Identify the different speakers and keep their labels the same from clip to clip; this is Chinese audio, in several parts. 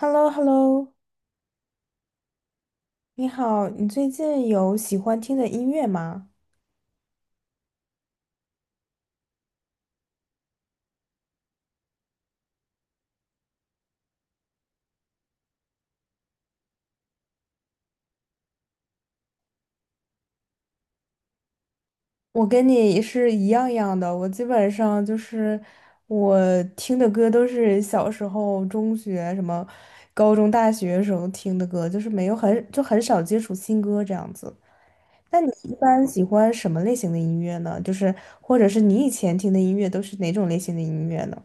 Speaker 1: h e l l o h e l l o 你好，你最近有喜欢听的音乐吗？我跟你是一样的，我基本上就是我听的歌都是小时候、中学、什么高中、大学时候听的歌，就是没有很就很少接触新歌这样子。那你一般喜欢什么类型的音乐呢？就是或者是你以前听的音乐都是哪种类型的音乐呢？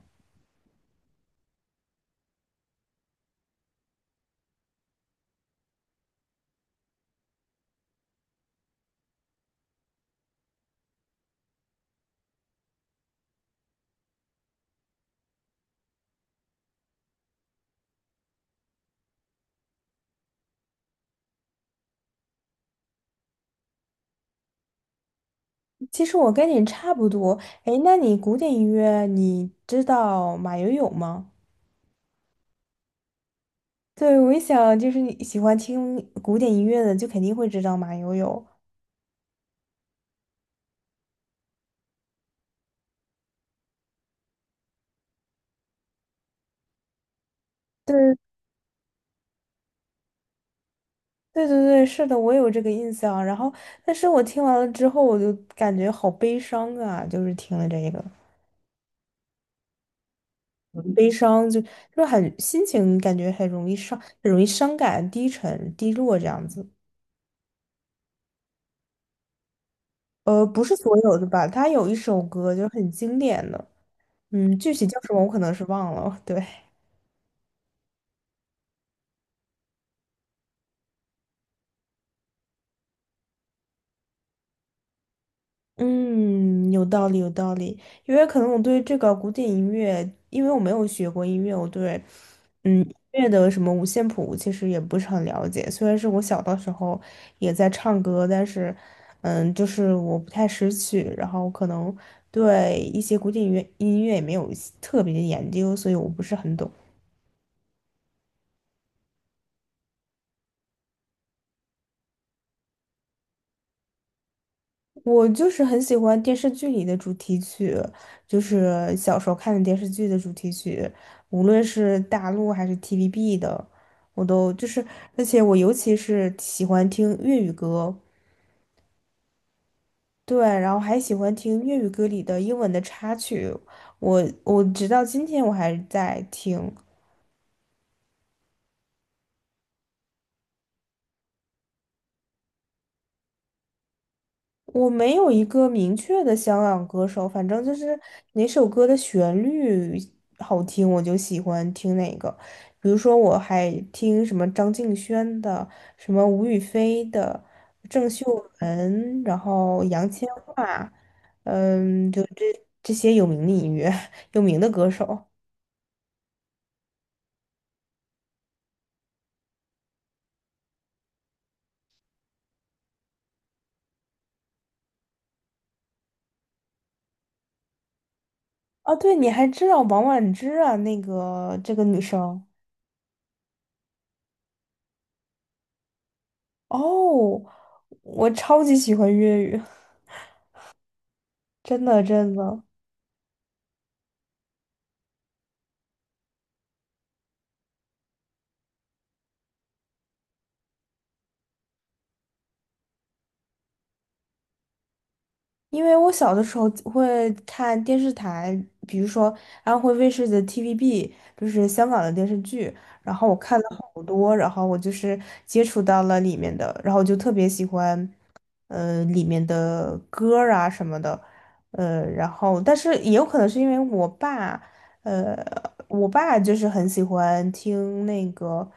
Speaker 1: 其实我跟你差不多。哎，那你古典音乐你知道马友友吗？对，我一想就是你喜欢听古典音乐的，就肯定会知道马友友。对，对对对，是的，我有这个印象。然后，但是我听完了之后，我就感觉好悲伤啊，就是听了这个，很悲伤就很心情感觉很容易伤，很容易伤感、低沉、低落这样子。不是所有的吧，他有一首歌就是很经典的，具体叫什么我可能是忘了。对，嗯，有道理，有道理。因为可能我对这个古典音乐，因为我没有学过音乐，我对音乐的什么五线谱其实也不是很了解。虽然是我小的时候也在唱歌，但是就是我不太识曲，然后可能对一些古典音乐也没有特别的研究，所以我不是很懂。我就是很喜欢电视剧里的主题曲，就是小时候看的电视剧的主题曲，无论是大陆还是 TVB 的，我都就是，而且我尤其是喜欢听粤语歌。对，然后还喜欢听粤语歌里的英文的插曲，我直到今天我还在听。我没有一个明确的香港歌手，反正就是哪首歌的旋律好听，我就喜欢听哪个。比如说，我还听什么张敬轩的，什么吴雨霏的，郑秀文，然后杨千嬅，就这些有名的音乐，有名的歌手。哦，对，你还知道王菀之啊？那个这个女生。哦，我超级喜欢粤语，真的真的。因为我小的时候会看电视台，比如说安徽卫视的 TVB，就是香港的电视剧，然后我看了好多，然后我就是接触到了里面的，然后我就特别喜欢，里面的歌儿啊什么的，然后但是也有可能是因为我爸，呃，我爸就是很喜欢听那个。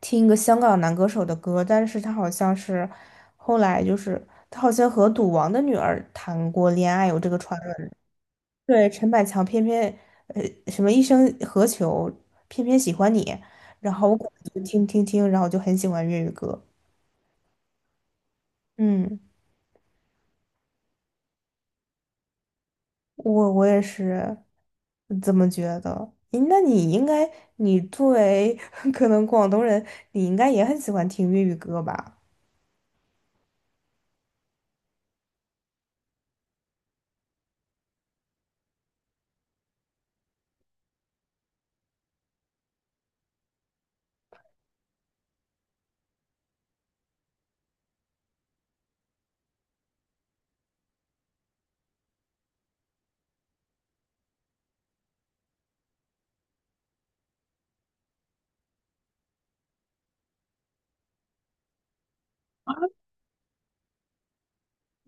Speaker 1: 听一个香港男歌手的歌，但是他好像是后来就是他好像和赌王的女儿谈过恋爱，有这个传闻。对，陈百强偏偏呃什么一生何求，偏偏喜欢你，然后我可能就听听听，然后就很喜欢粤语歌。嗯，我也是这么觉得。诶那你应该，你作为 可能广东人，你应该也很喜欢听粤语歌吧？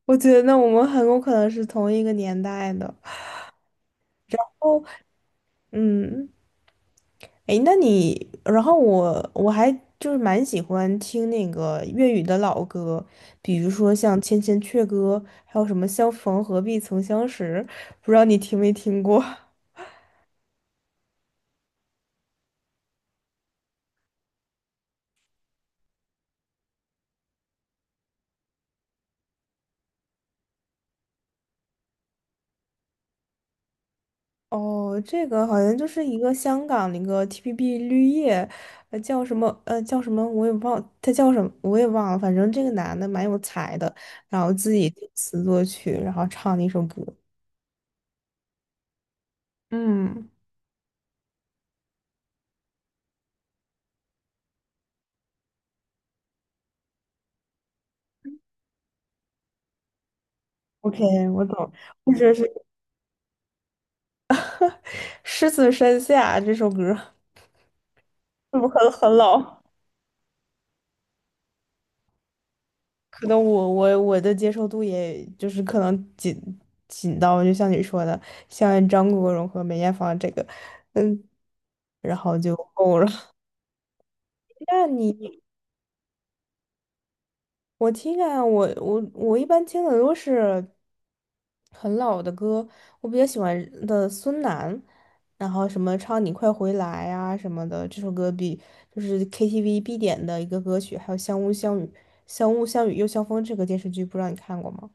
Speaker 1: 我觉得那我们很有可能是同一个年代的。嗯。诶，那你，然后我还就是蛮喜欢听那个粤语的老歌，比如说像《千千阙歌》，还有什么《相逢何必曾相识》，不知道你听没听过？哦，这个好像就是一个香港的一个 TPB 绿叶，叫什么叫什么我也忘，他叫什么我也忘了，反正这个男的蛮有才的，然后自己作词作曲，然后唱了一首歌。嗯，OK，我懂。或者是《狮子山下》这首歌。怎么很老？可能我的接受度也就是可能紧到，就像你说的，像张国荣和梅艳芳这个，嗯，然后就够了。那你我听啊，我一般听的都是很老的歌，我比较喜欢的孙楠，然后什么唱《你快回来》啊什么的，这首歌比就是 KTV 必点的一个歌曲，还有《相雾相雨》《相雾相雨又相风》这个电视剧，不知道你看过吗？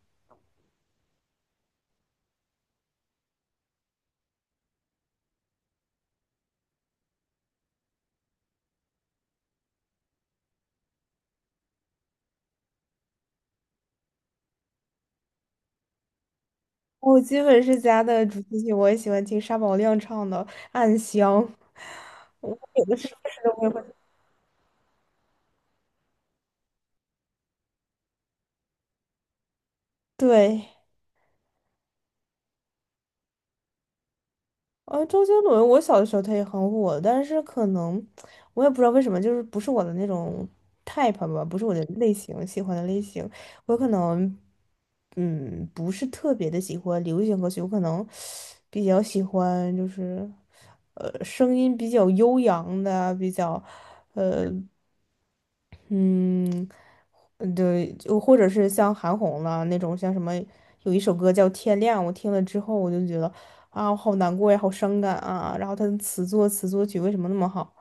Speaker 1: 我基本是家的主题曲，我也喜欢听沙宝亮唱的《暗香》，我有的时候是都会。对，周杰伦，我小的时候他也很火，但是可能我也不知道为什么，就是不是我的那种 type 吧，不是我的类型，喜欢的类型，我可能不是特别的喜欢流行歌曲，我可能比较喜欢就是声音比较悠扬的啊，比较。呃。嗯，对，就或者是像韩红了那种，像什么有一首歌叫《天亮》，我听了之后我就觉得啊，我好难过呀，好伤感啊。然后他的词作词作曲为什么那么好？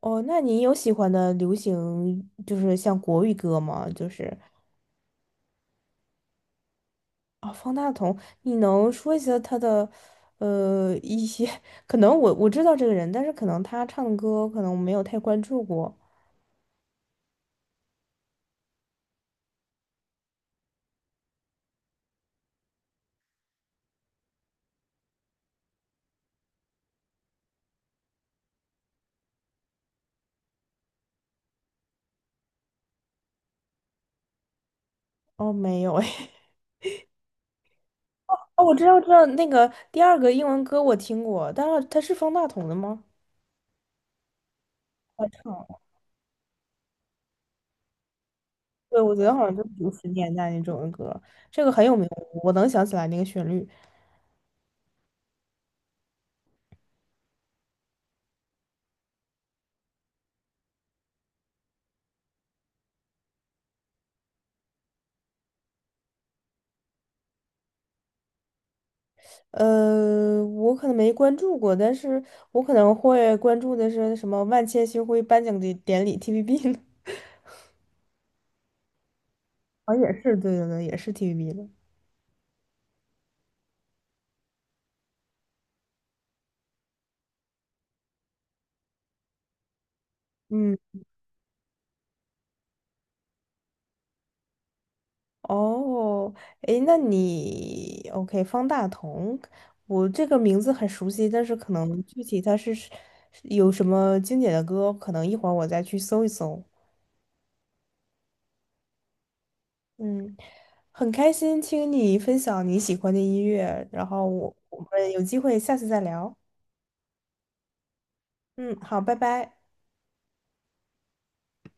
Speaker 1: 哦，那你有喜欢的流行就是像国语歌吗？就是啊，方大同，你能说一下他的一些？可能我知道这个人，但是可能他唱的歌可能我没有太关注过。哦，没有哎。哦，我知道，我知道那个第二个英文歌我听过，但是它是方大同的吗？他唱了。对，我觉得好像就是九十年代那种的歌，这个很有名，我能想起来那个旋律。我可能没关注过，但是我可能会关注的是什么万千星辉颁奖的典礼 TVB 呢？好像也是，对对对，也是 TVB 的。嗯。哦，诶，那你 OK，方大同，我这个名字很熟悉，但是可能具体他是有什么经典的歌，可能一会儿我再去搜一搜。嗯，很开心听你分享你喜欢的音乐，然后我们有机会下次再聊。嗯，好，拜拜。